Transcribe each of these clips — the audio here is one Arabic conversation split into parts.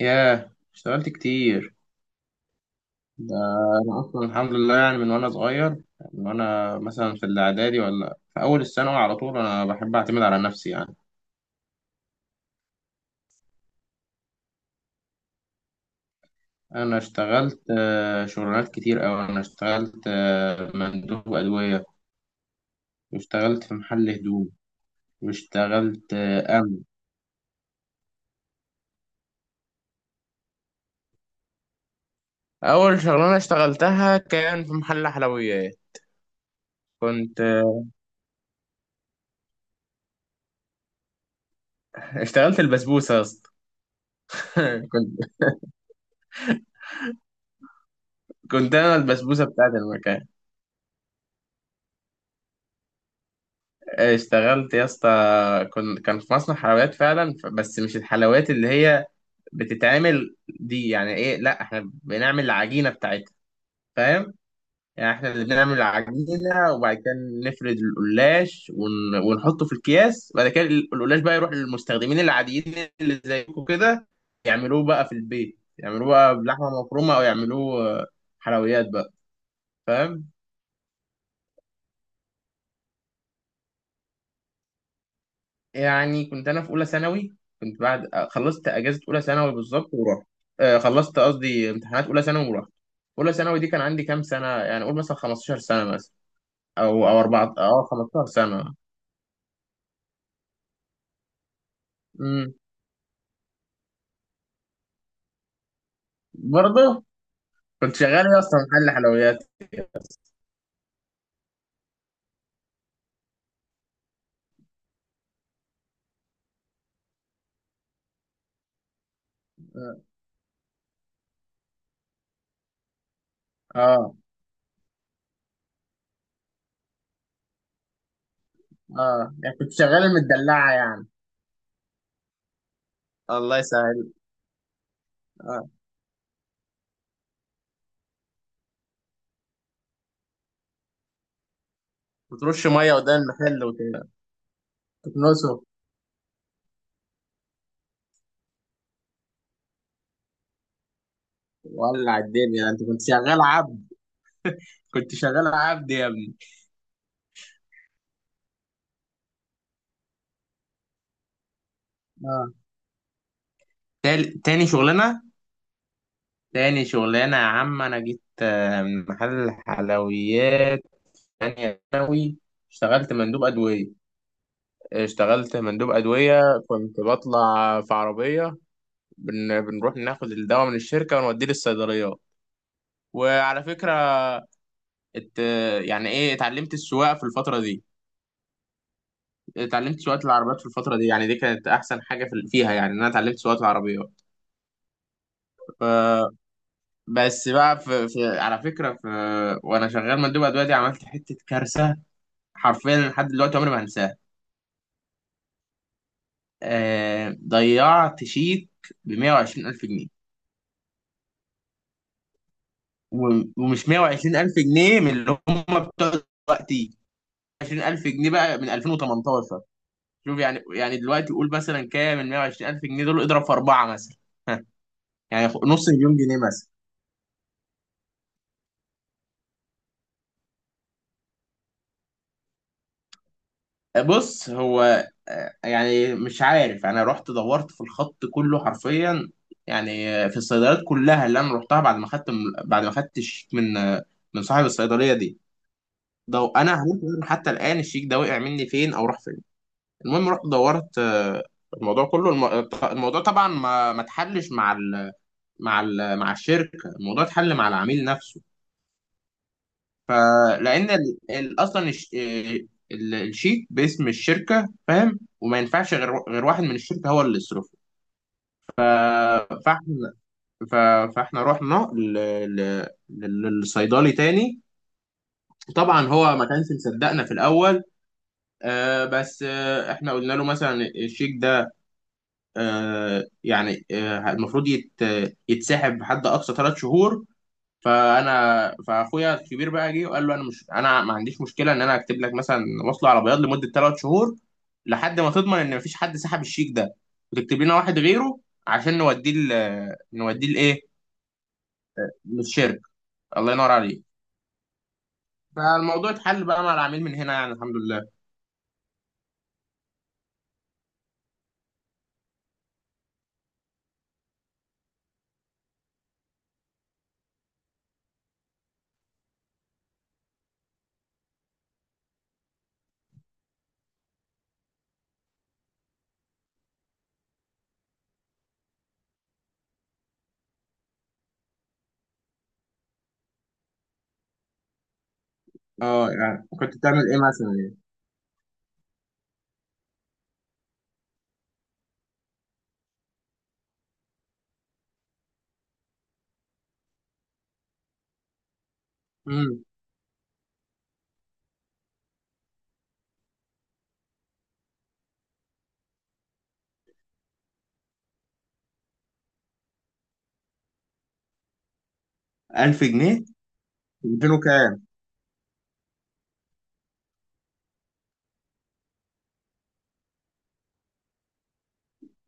ياه، اشتغلت كتير. ده أنا أصلا الحمد لله، يعني من وأنا صغير، من وأنا مثلا في الإعدادي ولا في أول الثانوي، على طول أنا بحب أعتمد على نفسي يعني. أنا اشتغلت شغلانات كتير أوي. أنا اشتغلت مندوب أدوية، واشتغلت في محل هدوم، واشتغلت أمن. أول شغلانة اشتغلتها كان في محل حلويات. كنت آه، اشتغلت البسبوسة يا اسطى. كنت كنت أنا البسبوسة بتاعت المكان. اشتغلت يا اسطى، كان في مصنع حلويات فعلا، بس مش الحلويات اللي هي بتتعمل دي، يعني ايه، لا احنا بنعمل العجينة بتاعتها، فاهم؟ يعني احنا اللي بنعمل العجينة، وبعد كده نفرد القلاش ونحطه في الأكياس، بعد كده القلاش بقى يروح للمستخدمين العاديين اللي زيكم كده، يعملوه بقى في البيت، يعملوه بقى بلحمة مفرومة، او يعملوه حلويات بقى، فاهم. يعني كنت انا في اولى ثانوي. كنت بعد خلصت اجازه اولى ثانوي بالظبط ورحت، خلصت قصدي امتحانات اولى ثانوي ورحت. اولى ثانوي دي كان عندي كام سنه؟ يعني اقول مثلا 15 سنه مثلا، او اربعه، 15 سنه. امم. برضه كنت شغال إيه اصلا، محل حلويات. اه. اه. يعني كنت شغال المدلعه يعني. الله يسهل. اه. بترش ميه قدام المحل وتكنسه. ولع الدنيا، انت كنت شغال عبد، كنت شغال عبد يا ابني. اه. تاني شغلانه. تاني شغلانة يا عم، أنا جيت من محل حلويات تانية ثانوي، اشتغلت مندوب أدوية. اشتغلت مندوب أدوية، كنت بطلع في عربية. بنروح ناخد الدواء من الشركة ونوديه للصيدليات. وعلى فكرة، ات... يعني إيه، اتعلمت السواقة في الفترة دي. اتعلمت سواقة العربيات في الفترة دي، يعني دي كانت أحسن حاجة فيها، يعني إن أنا اتعلمت سواقة العربيات. ف... بس بقى على فكرة وأنا شغال مندوب أدوية دي، عملت حتة كارثة حرفيا لحد دلوقتي عمري ما هنساه. ضيعت شيك ب 120 ألف جنيه. ومش 120 ألف جنيه من اللي هم بتوع دلوقتي، 20 ألف جنيه بقى من 2018. شوف يعني، يعني دلوقتي قول مثلا كام؟ من 120 ألف جنيه دول، اضرب في أربعة مثلا. يعني نص مليون جنيه مثلا. بص، هو يعني مش عارف، انا رحت دورت في الخط كله حرفيا، يعني في الصيدليات كلها اللي انا رحتها بعد ما خدت الشيك من من صاحب الصيدليه دي. ده انا هموت وأعرف حتى الان الشيك ده وقع مني فين او راح فين. المهم رحت دورت، الموضوع كله، الموضوع طبعا ما اتحلش مع الشركه. الموضوع اتحل مع العميل نفسه. فلان اصلا الشيك باسم الشركه، فاهم، وما ينفعش غير واحد من الشركه هو اللي يصرفه. ف- فاحنا ف- فاحنا رحنا للصيدلي تاني. طبعا هو ما كانش مصدقنا في الاول. بس احنا قلنا له مثلا الشيك ده يعني المفروض يتسحب بحد اقصى 3 شهور. فاخويا الكبير بقى جه وقال له انا ما عنديش مشكله ان انا اكتب لك مثلا وصله على بياض لمده 3 شهور، لحد ما تضمن ان مفيش حد سحب الشيك ده، وتكتب لنا واحد غيره، عشان نوديه نوديه لايه، للشركه. الله ينور عليك. فالموضوع اتحل بقى مع العميل من هنا يعني، الحمد لله. اه يعني كنت بتعمل ايه مثلا يعني. امم. 1000 جنيه. 200.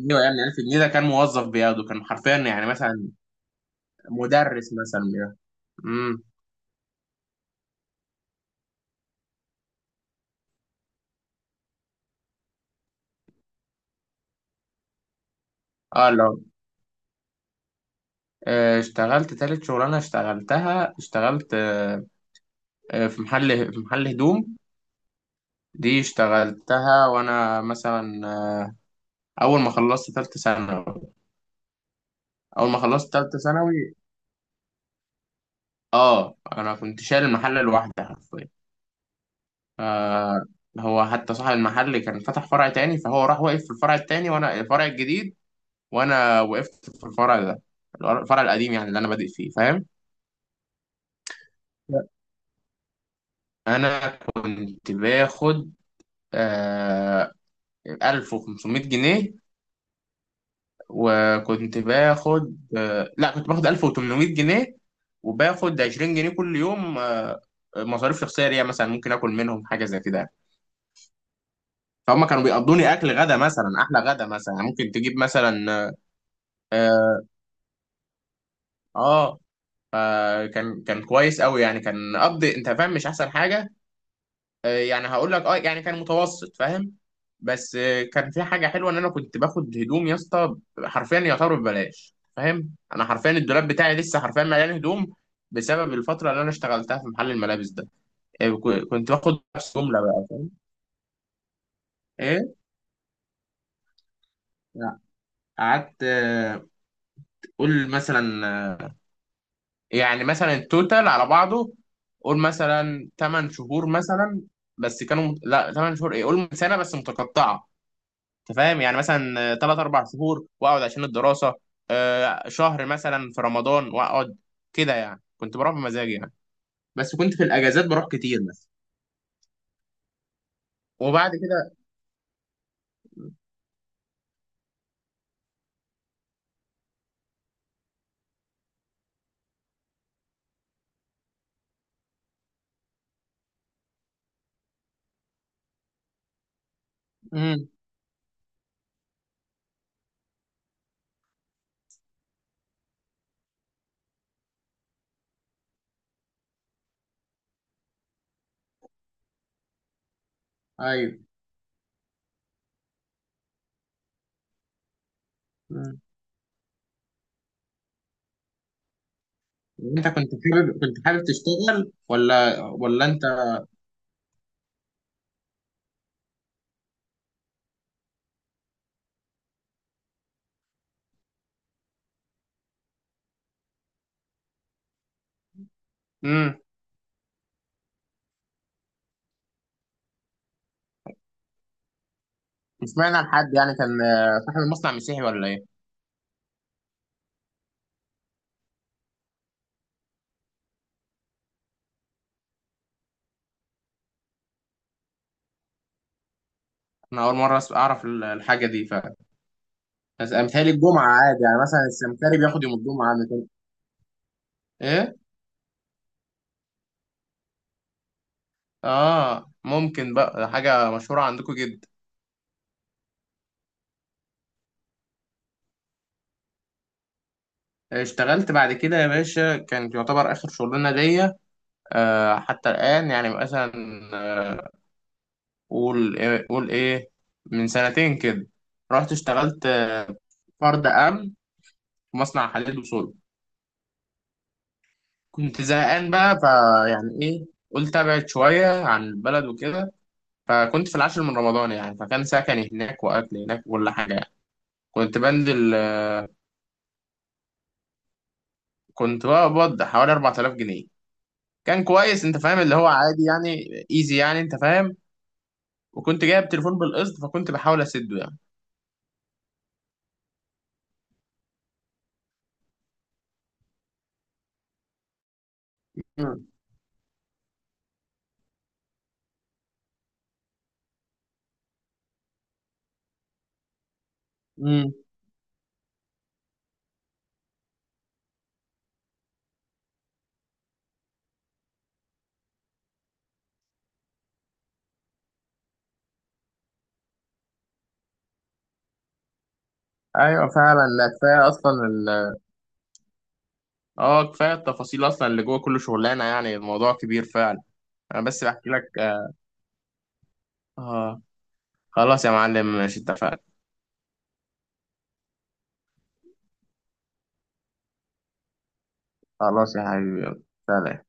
ايوه يعني 1000 جنيه ده كان موظف بياخده، كان حرفيا يعني مثلا مدرس مثلا بياخده. امم. اه. لو اشتغلت تالت شغلانه اشتغلتها، اشتغلت في محل هدوم. دي اشتغلتها وانا مثلا اول ما خلصت تالتة ثانوي. اول ما خلصت تالتة ثانوي اه انا كنت شايل المحل لوحدي حرفيا. آه هو حتى صاحب المحل كان فتح فرع تاني، فهو راح واقف في الفرع التاني وانا الفرع الجديد. وانا وقفت في الفرع ده، الفرع القديم يعني اللي انا بادئ فيه، فاهم. لا. انا كنت باخد آه 1500 جنيه. وكنت باخد لا، كنت باخد 1800 جنيه، وباخد 20 جنيه كل يوم، مصاريف شخصيه ليا مثلا، ممكن اكل منهم حاجه زي كده يعني. فهم كانوا بيقضوني اكل غدا مثلا احلى غدا مثلا، يعني ممكن تجيب مثلا. اه. كان كويس قوي، يعني كان قبض، انت فاهم، مش احسن حاجه. يعني هقول لك، يعني كان متوسط، فاهم. بس كان في حاجه حلوه ان انا كنت باخد هدوم يا اسطى، حرفيا يعتبر ببلاش، فاهم. انا حرفيا الدولاب بتاعي لسه حرفيا مليان هدوم بسبب الفتره اللي انا اشتغلتها في محل الملابس ده. كنت باخد نفس جمله بقى. ايه. لا، قعدت، قول مثلا، يعني مثلا التوتال على بعضه، قول مثلا 8 شهور مثلا. بس كانوا لا، 8 شهور، ايه، قول سنه بس متقطعه، انت فاهم. يعني مثلا ثلاث اربع شهور واقعد عشان الدراسه، شهر مثلا في رمضان واقعد، كده يعني، كنت بروح بمزاجي يعني، بس كنت في الاجازات بروح كتير مثلا، وبعد كده. امم. ايوه. مم. انت كنت حابب تشتغل ولا انت؟ امم. مش معنى الحد يعني كان صاحب المصنع مسيحي ولا ايه؟ انا اول مره اعرف الحاجه دي. بس متهيألي الجمعه عادي، يعني مثلا السمكري بياخد يوم الجمعه عندك. ايه؟ اه ممكن بقى، حاجه مشهوره عندكم جدا. اشتغلت بعد كده يا باشا، كانت يعتبر آخر شغلانة ليا حتى الآن، يعني مثلا آه، قول إيه، من سنتين كده، رحت اشتغلت فرد أمن في مصنع حديد وصلب. كنت زهقان بقى، فيعني إيه، قلت أبعد شوية عن البلد وكده، فكنت في العاشر من رمضان، يعني فكان سكني هناك وأكل هناك وكل حاجة يعني. كنت بنزل، كنت بقبض حوالي 4000 جنيه. كان كويس، انت فاهم، اللي هو عادي يعني، ايزي يعني، انت فاهم. وكنت جايب تليفون بالقسط فكنت بحاول اسده يعني. مم. مم. ايوه فعلا، لا، كفايه اصلا اه، كفايه التفاصيل اصلا اللي جوه كل شغلانه، يعني الموضوع كبير فعلا. انا بس بحكي لك. اه آه، خلاص يا معلم، ماشي، اتفقنا. خلاص يا حبيبي، يلا. سلام.